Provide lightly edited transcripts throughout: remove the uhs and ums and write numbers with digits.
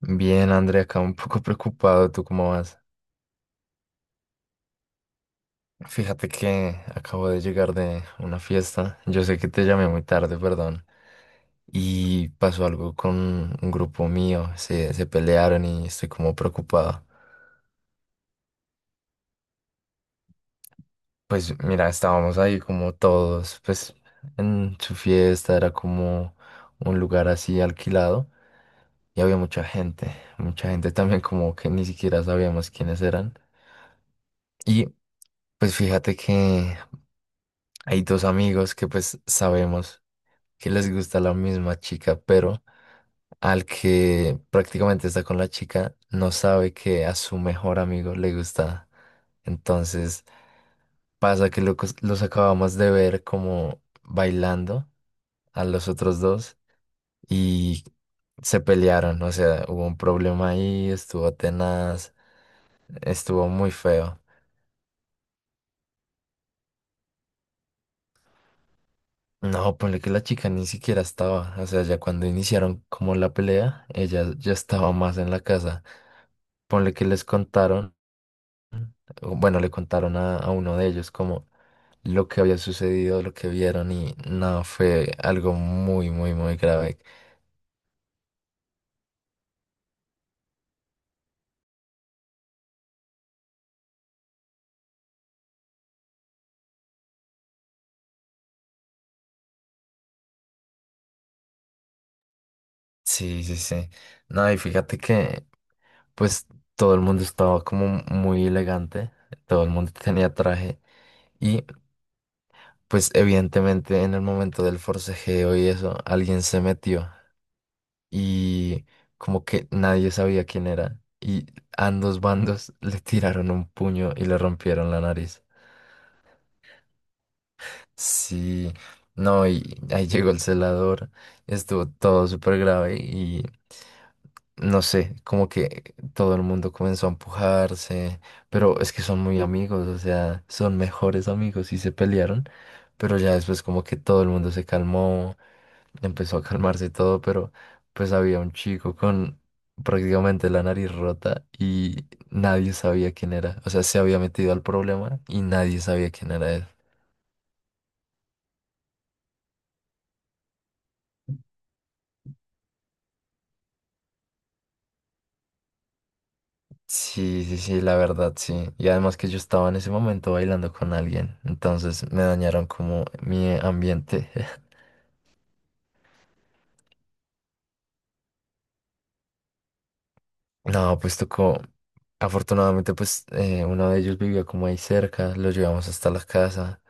Bien, Andrea, acá un poco preocupado. ¿Tú cómo vas? Fíjate que acabo de llegar de una fiesta. Yo sé que te llamé muy tarde, perdón. Y pasó algo con un grupo mío. Se pelearon y estoy como preocupado. Pues mira, estábamos ahí como todos, pues en su fiesta era como un lugar así alquilado y había mucha gente. Mucha gente también como que ni siquiera sabíamos quiénes eran. Y pues fíjate que hay dos amigos que pues sabemos que les gusta la misma chica, pero al que prácticamente está con la chica no sabe que a su mejor amigo le gusta. Entonces pasa que los acabamos de ver como bailando a los otros dos y se pelearon, o sea, hubo un problema ahí, estuvo tenaz, estuvo muy feo. No, ponle que la chica ni siquiera estaba, o sea, ya cuando iniciaron como la pelea, ella ya estaba más en la casa. Ponle que les contaron, o bueno, le contaron a uno de ellos como lo que había sucedido, lo que vieron y no, fue algo muy, muy, muy grave. Sí, sí, sí. No, y fíjate que pues todo el mundo estaba como muy elegante, todo el mundo tenía traje y pues evidentemente en el momento del forcejeo y eso, alguien se metió y como que nadie sabía quién era y ambos bandos le tiraron un puño y le rompieron la nariz. Sí, no, y ahí llegó el celador, estuvo todo súper grave y no sé, como que todo el mundo comenzó a empujarse, pero es que son muy amigos, o sea, son mejores amigos y se pelearon, pero ya después como que todo el mundo se calmó, empezó a calmarse todo, pero pues había un chico con prácticamente la nariz rota y nadie sabía quién era, o sea, se había metido al problema y nadie sabía quién era él. Sí, sí, sí, la verdad, sí. Y además que yo estaba en ese momento bailando con alguien, entonces me dañaron como mi ambiente. No, pues tocó. Afortunadamente, pues uno de ellos vivía como ahí cerca, lo llevamos hasta la casa.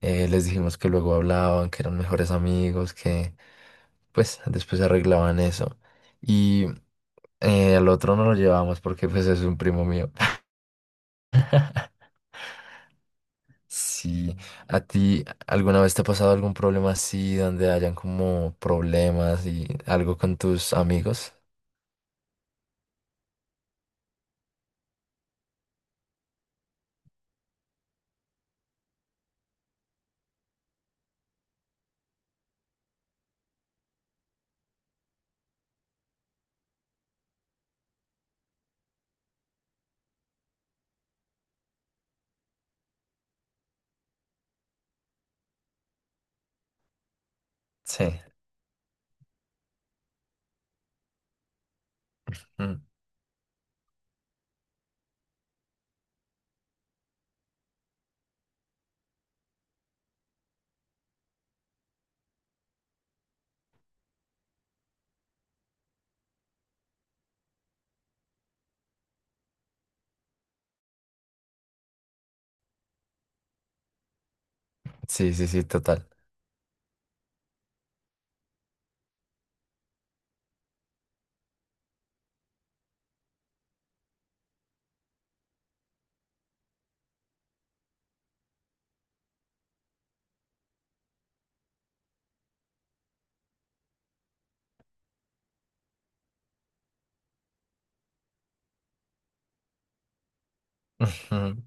Les dijimos que luego hablaban, que eran mejores amigos, que pues después arreglaban eso. Y al otro no lo llevamos porque pues es un primo mío. Sí, ¿a ti alguna vez te ha pasado algún problema así, donde hayan como problemas y algo con tus amigos? Sí. Mm. Sí, sí, sí, total. Ujú.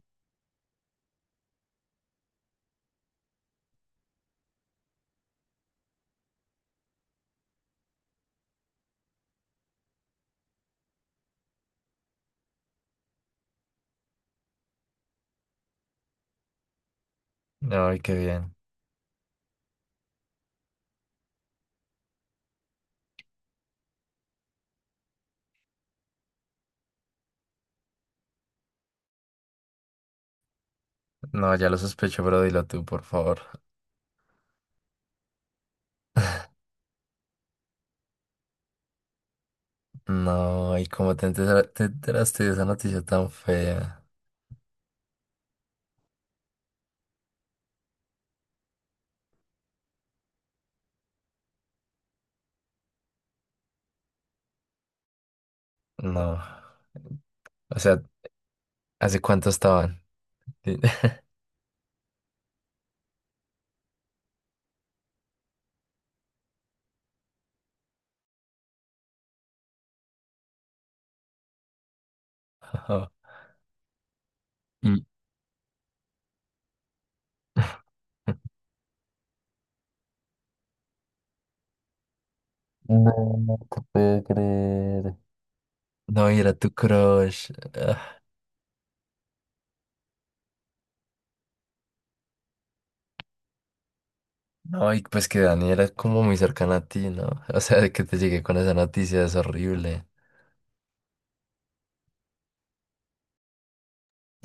Ay, qué bien. No, ya lo sospecho, pero dilo tú, por favor. No, ¿y cómo te enteraste de esa noticia tan fea? No. O sea, ¿hace cuánto estaban? Sí. Ajá. Y... No, no te puedo creer. No, y era tu crush. No, y pues que Dani era como muy cercana a ti, ¿no? O sea, de que te llegué con esa noticia es horrible.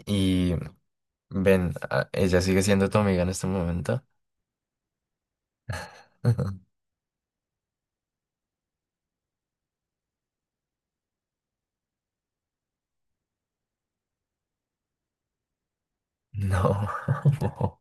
Y ven, ¿ella sigue siendo tu amiga en este momento? No.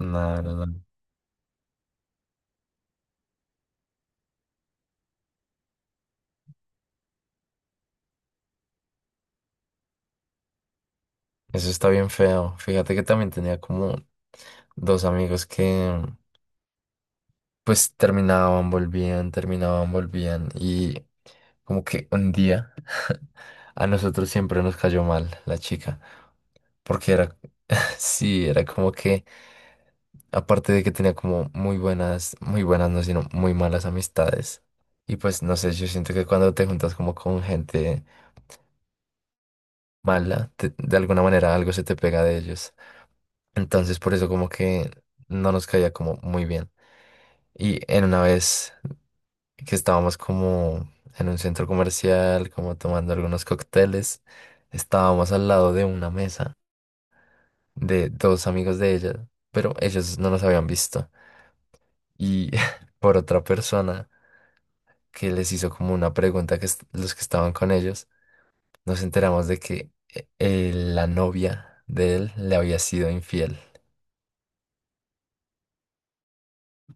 No, no, no, no. Eso está bien feo. Fíjate que también tenía como dos amigos que pues terminaban, volvían, terminaban, volvían. Y como que un día a nosotros siempre nos cayó mal la chica. Porque era, sí, era como que... Aparte de que tenía como muy buenas, no, sino muy malas amistades. Y pues no sé, yo siento que cuando te juntas como con gente mala, de alguna manera algo se te pega de ellos. Entonces por eso como que no nos caía como muy bien. Y en una vez que estábamos como en un centro comercial, como tomando algunos cócteles, estábamos al lado de una mesa de dos amigos de ella, pero ellos no nos habían visto. Y por otra persona que les hizo como una pregunta que los que estaban con ellos, nos enteramos de que la novia de él le había sido infiel.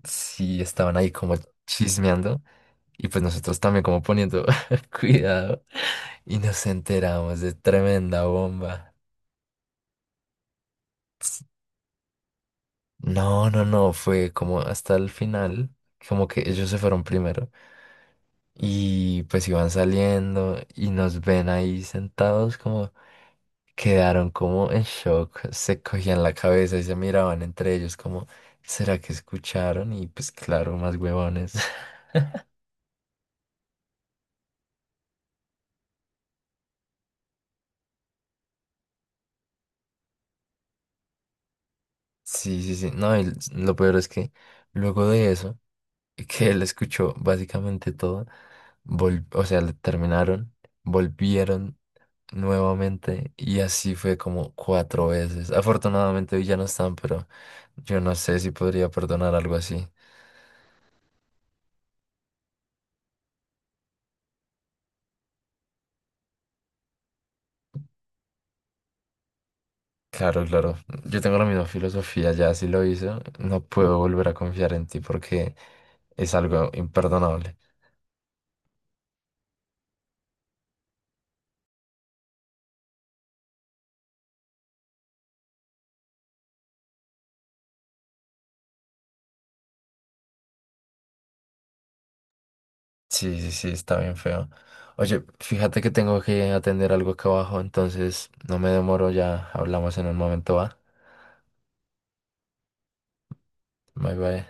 Sí, estaban ahí como chismeando y pues nosotros también como poniendo cuidado y nos enteramos de tremenda bomba. S- No, no, no, fue como hasta el final, como que ellos se fueron primero y pues iban saliendo y nos ven ahí sentados como... Quedaron como en shock, se cogían la cabeza y se miraban entre ellos como, ¿será que escucharon? Y pues claro, más huevones. Sí, sí, sí. No, y lo peor es que luego de eso, que él escuchó básicamente todo, o sea, le terminaron, volvieron nuevamente y así fue como cuatro veces. Afortunadamente hoy ya no están, pero yo no sé si podría perdonar algo así. Claro, claro. Yo tengo la misma filosofía, ya si lo hice no puedo volver a confiar en ti porque es algo imperdonable. Sí, sí, sí, está bien feo. Oye, fíjate que tengo que atender algo acá abajo, entonces no me demoro, ya hablamos en un momento, ¿va? Bye bye.